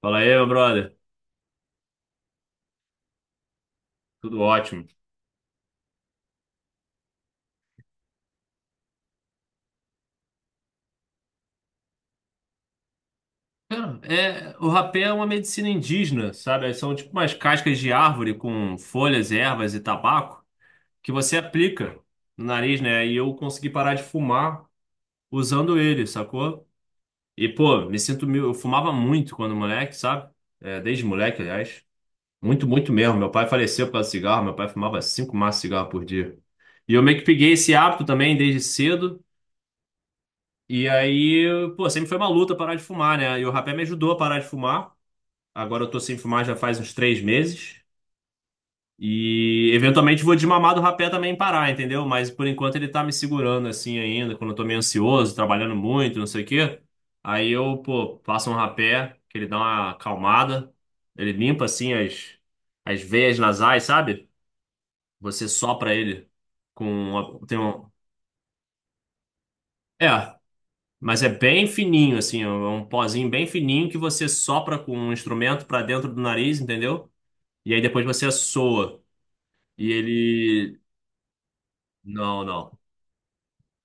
Fala aí, meu brother. Tudo ótimo. Cara, o rapé é uma medicina indígena, sabe? São tipo umas cascas de árvore com folhas, ervas e tabaco que você aplica no nariz, né? E eu consegui parar de fumar usando ele, sacou? E, pô, me sinto... Eu fumava muito quando moleque, sabe? É, desde moleque, aliás. Muito, muito mesmo. Meu pai faleceu por causa de cigarro. Meu pai fumava 5 maços de cigarro por dia. E eu meio que peguei esse hábito também desde cedo. E aí, pô, sempre foi uma luta parar de fumar, né? E o rapé me ajudou a parar de fumar. Agora eu tô sem fumar já faz uns 3 meses. E eventualmente vou desmamar do rapé também e parar, entendeu? Mas por enquanto ele tá me segurando assim ainda, quando eu tô meio ansioso, trabalhando muito, não sei o quê. Aí eu, pô, faço um rapé, que ele dá uma acalmada. Ele limpa assim as veias nasais, sabe? Você sopra ele com. Tem um. É. Mas é bem fininho, assim, é um pozinho bem fininho que você sopra com um instrumento pra dentro do nariz, entendeu? E aí depois você soa. E ele. Não, não.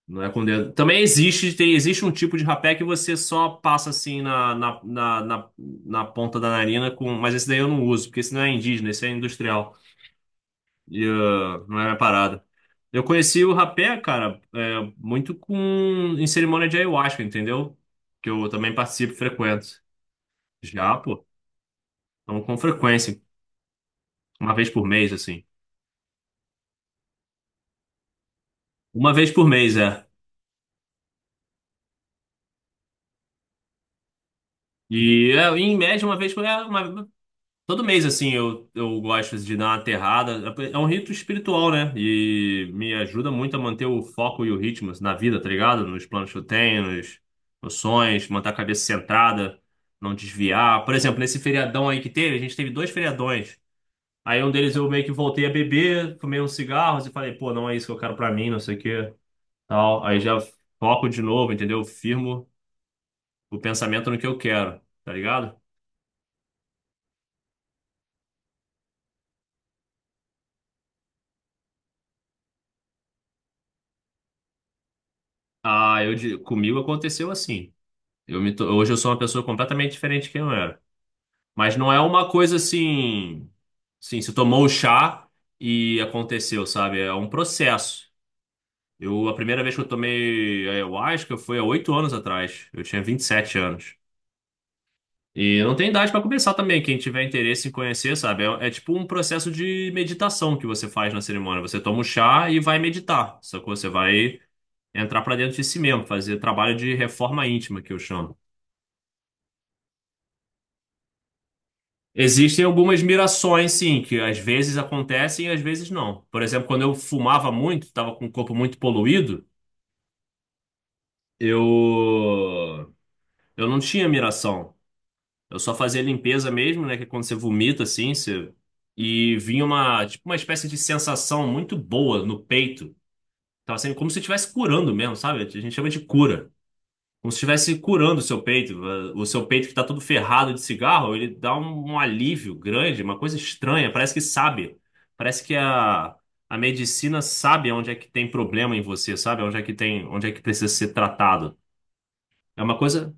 Não é com dedo. Também existe, tem, existe um tipo de rapé que você só passa assim na ponta da narina com. Mas esse daí eu não uso, porque esse não é indígena, esse é industrial. E ah, não é minha parada. Eu conheci o rapé, cara, muito com em cerimônia de ayahuasca, entendeu? Que eu também participo e frequento. Já, pô. Então, com frequência, uma vez por mês, assim. Uma vez por mês, é. E é, em média, uma vez por é, uma- todo mês, assim, eu gosto de dar uma aterrada. É um rito espiritual, né? E me ajuda muito a manter o foco e o ritmo assim, na vida, tá ligado? Nos planos que eu tenho, nos, nos sonhos, manter a cabeça centrada, não desviar. Por exemplo, nesse feriadão aí que teve, a gente teve dois feriadões. Aí um deles eu meio que voltei a beber, fumei uns cigarros e falei, pô, não é isso que eu quero pra mim, não sei o quê. Tal. Aí já foco de novo, entendeu? Firmo o pensamento no que eu quero, tá ligado? Ah, comigo aconteceu assim. Hoje eu sou uma pessoa completamente diferente de quem eu era. Mas não é uma coisa assim, sim, se tomou o chá e aconteceu, sabe? É um processo. Eu, a primeira vez que eu tomei ayahuasca foi há 8 anos atrás. Eu tinha 27 anos. E não tem idade para começar também. Quem tiver interesse em conhecer, sabe? É tipo um processo de meditação que você faz na cerimônia. Você toma um chá e vai meditar. Só que você vai entrar para dentro de si mesmo, fazer trabalho de reforma íntima, que eu chamo. Existem algumas mirações, sim, que às vezes acontecem e às vezes não. Por exemplo, quando eu fumava muito, estava com o corpo muito poluído, eu eu não tinha miração. Eu só fazia limpeza mesmo, né? Que é quando você vomita assim, você... e vinha uma, tipo, uma espécie de sensação muito boa no peito. Tava sendo como se estivesse curando mesmo, sabe? A gente chama de cura. Como se estivesse curando o seu peito. Eh, o seu peito que tá todo ferrado de cigarro, ele dá um, um alívio grande, uma coisa estranha. Parece que sabe. Parece que a medicina sabe onde é que tem problema em você, sabe? Onde é que tem, onde é que precisa ser tratado. É uma coisa.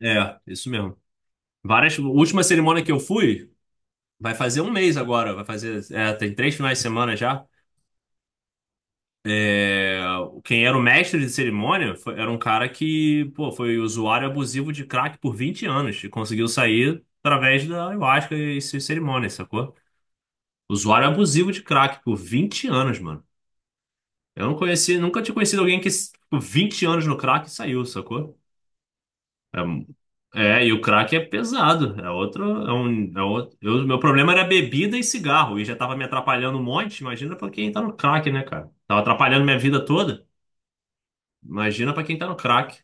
É, isso mesmo. Várias. A última cerimônia que eu fui. Vai fazer um mês agora, vai fazer. É, tem três finais de semana já. É, quem era o mestre de cerimônia era um cara que, pô, foi usuário abusivo de crack por 20 anos e conseguiu sair através da ayahuasca e suas cerimônias, sacou? Usuário abusivo de crack por 20 anos, mano. Eu não conheci, nunca tinha conhecido alguém que ficou 20 anos no crack e saiu, sacou? É, é, e o crack é pesado. É outro, é um, é outro. Eu, meu problema era bebida e cigarro, e já tava me atrapalhando um monte. Imagina pra quem tá no crack, né, cara? Tava atrapalhando minha vida toda. Imagina pra quem tá no crack.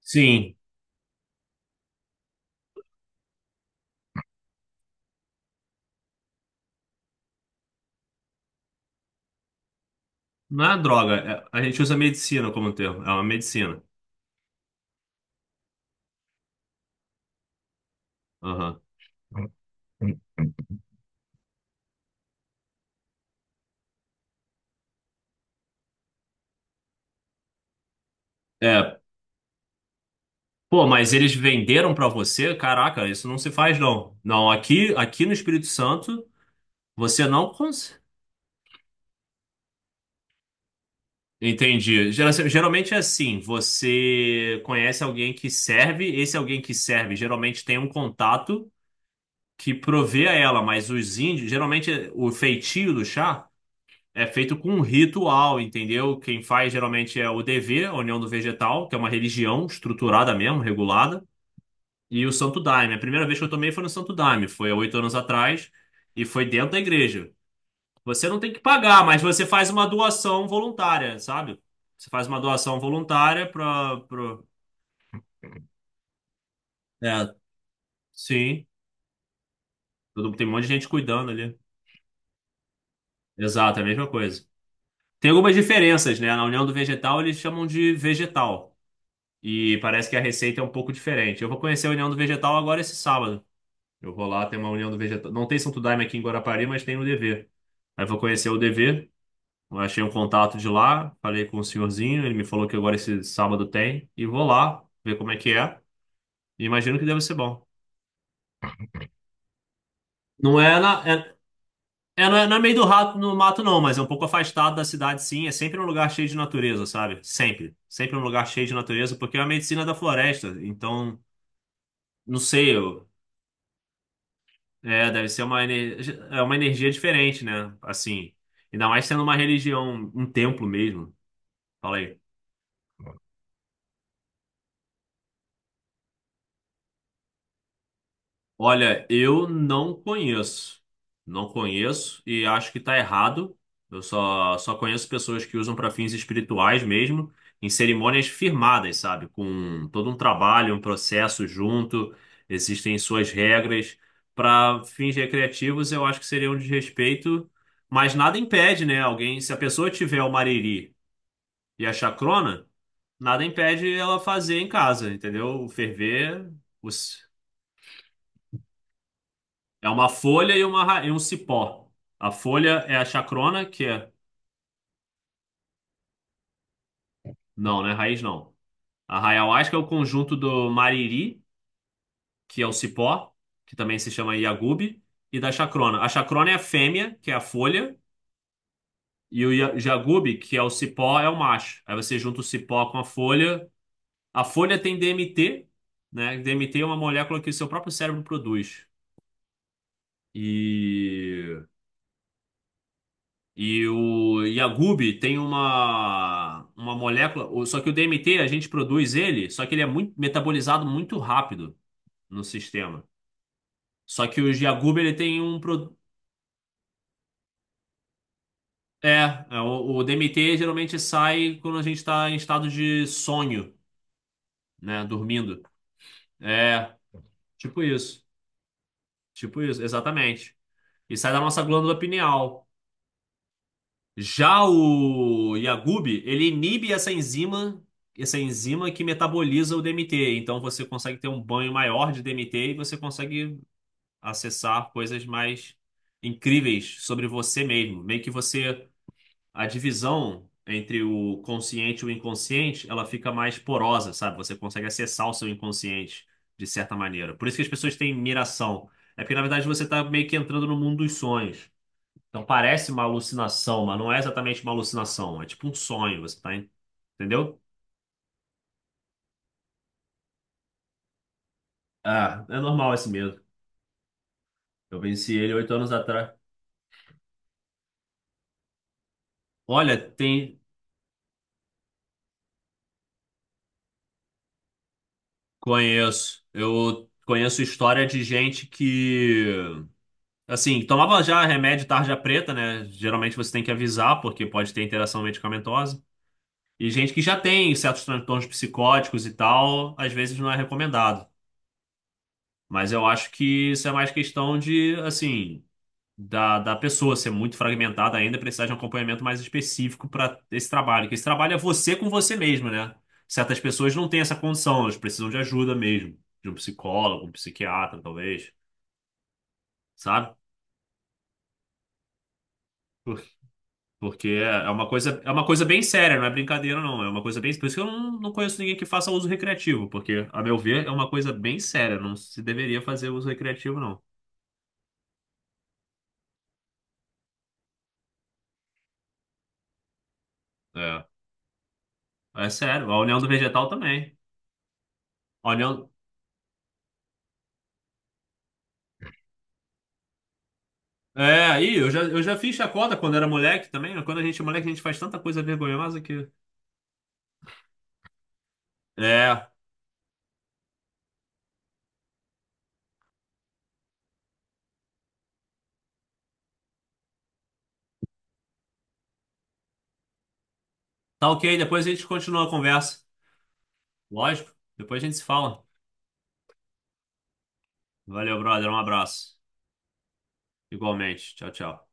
Sim, não é droga. A gente usa medicina como um termo. É uma medicina. Aham. É, pô, mas eles venderam pra você? Caraca, isso não se faz, não. Não, aqui no Espírito Santo, você não consegue. Entendi. Geralmente é assim, você conhece alguém que serve, esse alguém que serve geralmente tem um contato que provê a ela, mas os índios, o feitio do chá é feito com um ritual, entendeu? Quem faz geralmente é o DV, a União do Vegetal, que é uma religião estruturada mesmo, regulada, e o Santo Daime. A primeira vez que eu tomei foi no Santo Daime, foi há oito anos atrás, e foi dentro da igreja. Você não tem que pagar, mas você faz uma doação voluntária, sabe? Você faz uma doação voluntária para. Pro... É, sim. Tem um monte de gente cuidando ali. Exato, é a mesma coisa. Tem algumas diferenças, né? Na União do Vegetal eles chamam de vegetal. E parece que a receita é um pouco diferente. Eu vou conhecer a União do Vegetal agora esse sábado. Eu vou lá, tem uma União do Vegetal. Não tem Santo Daime aqui em Guarapari, mas tem no DV. Aí eu vou conhecer o DV. Achei um contato de lá, falei com o senhorzinho, ele me falou que agora esse sábado tem, e vou lá ver como é que é. E imagino que deve ser bom. Não é na, é, é, não é, não é meio do rato no mato, não, mas é um pouco afastado da cidade, sim. É sempre um lugar cheio de natureza, sabe? Sempre. Sempre um lugar cheio de natureza, porque é a medicina da floresta. Então, não sei, deve ser uma, é uma energia diferente, né? Assim, ainda mais sendo uma religião, um templo mesmo. Fala Olha, eu não conheço. Não conheço e acho que tá errado. Só conheço pessoas que usam para fins espirituais mesmo, em cerimônias firmadas, sabe? Com todo um trabalho, um processo junto, existem suas regras. Para fins recreativos, eu acho que seria um desrespeito, mas nada impede, né? Alguém, se a pessoa tiver o mariri e a chacrona, nada impede ela fazer em casa, entendeu? O ferver. os- É uma folha e um cipó. A folha é a chacrona, que é. Não, né? Raiz não. A ayahuasca é o conjunto do mariri, que é o cipó, que também se chama yagubi, e da chacrona. A chacrona é a fêmea, que é a folha, e o yagubi, que é o cipó, é o macho. Aí você junta o cipó com a folha. A folha tem DMT, né? DMT é uma molécula que o seu próprio cérebro produz. E. E o Yagub tem uma molécula, só que o DMT a gente produz ele, só que ele é muito metabolizado muito rápido no sistema. Só que o Yagub ele tem um o DMT geralmente sai quando a gente está em estado de sonho, né, dormindo. É, tipo isso. Tipo isso, exatamente. E sai da nossa glândula pineal. Já o Yagub, ele inibe essa enzima que metaboliza o DMT. Então você consegue ter um banho maior de DMT e você consegue acessar coisas mais incríveis sobre você mesmo. Meio que você, a divisão entre o consciente e o inconsciente, ela fica mais porosa, sabe? Você consegue acessar o seu inconsciente de certa maneira. Por isso que as pessoas têm miração. É porque na verdade você está meio que entrando no mundo dos sonhos. Então parece uma alucinação, mas não é exatamente uma alucinação. É tipo um sonho, você tá, entendeu? Ah, é normal esse medo. Eu venci ele 8 anos atrás. Olha, tem. Conheço. Eu conheço história de gente que, assim, tomava já remédio tarja preta, né? Geralmente você tem que avisar, porque pode ter interação medicamentosa. E gente que já tem certos transtornos psicóticos e tal, às vezes não é recomendado. Mas eu acho que isso é mais questão de, assim. Da pessoa ser muito fragmentada ainda, precisar de um acompanhamento mais específico para esse trabalho. Que esse trabalho é você com você mesmo, né? Certas pessoas não têm essa condição, elas precisam de ajuda mesmo, de um psicólogo, um psiquiatra, talvez, sabe? Por- Porque é uma coisa bem séria, não é brincadeira, não. É uma coisa bem. Por isso que eu não, não conheço ninguém que faça uso recreativo, porque, a meu ver, é uma coisa bem séria. Não se deveria fazer uso recreativo, não. É. É sério. A união do vegetal também. A união, É, eu já fiz chacota quando era moleque também. Quando a gente é moleque, a gente faz tanta coisa vergonhosa que. É, tá ok, depois a gente continua a conversa. Lógico, depois a gente se fala. Valeu, brother, um abraço. Igualmente, tchau, tchau.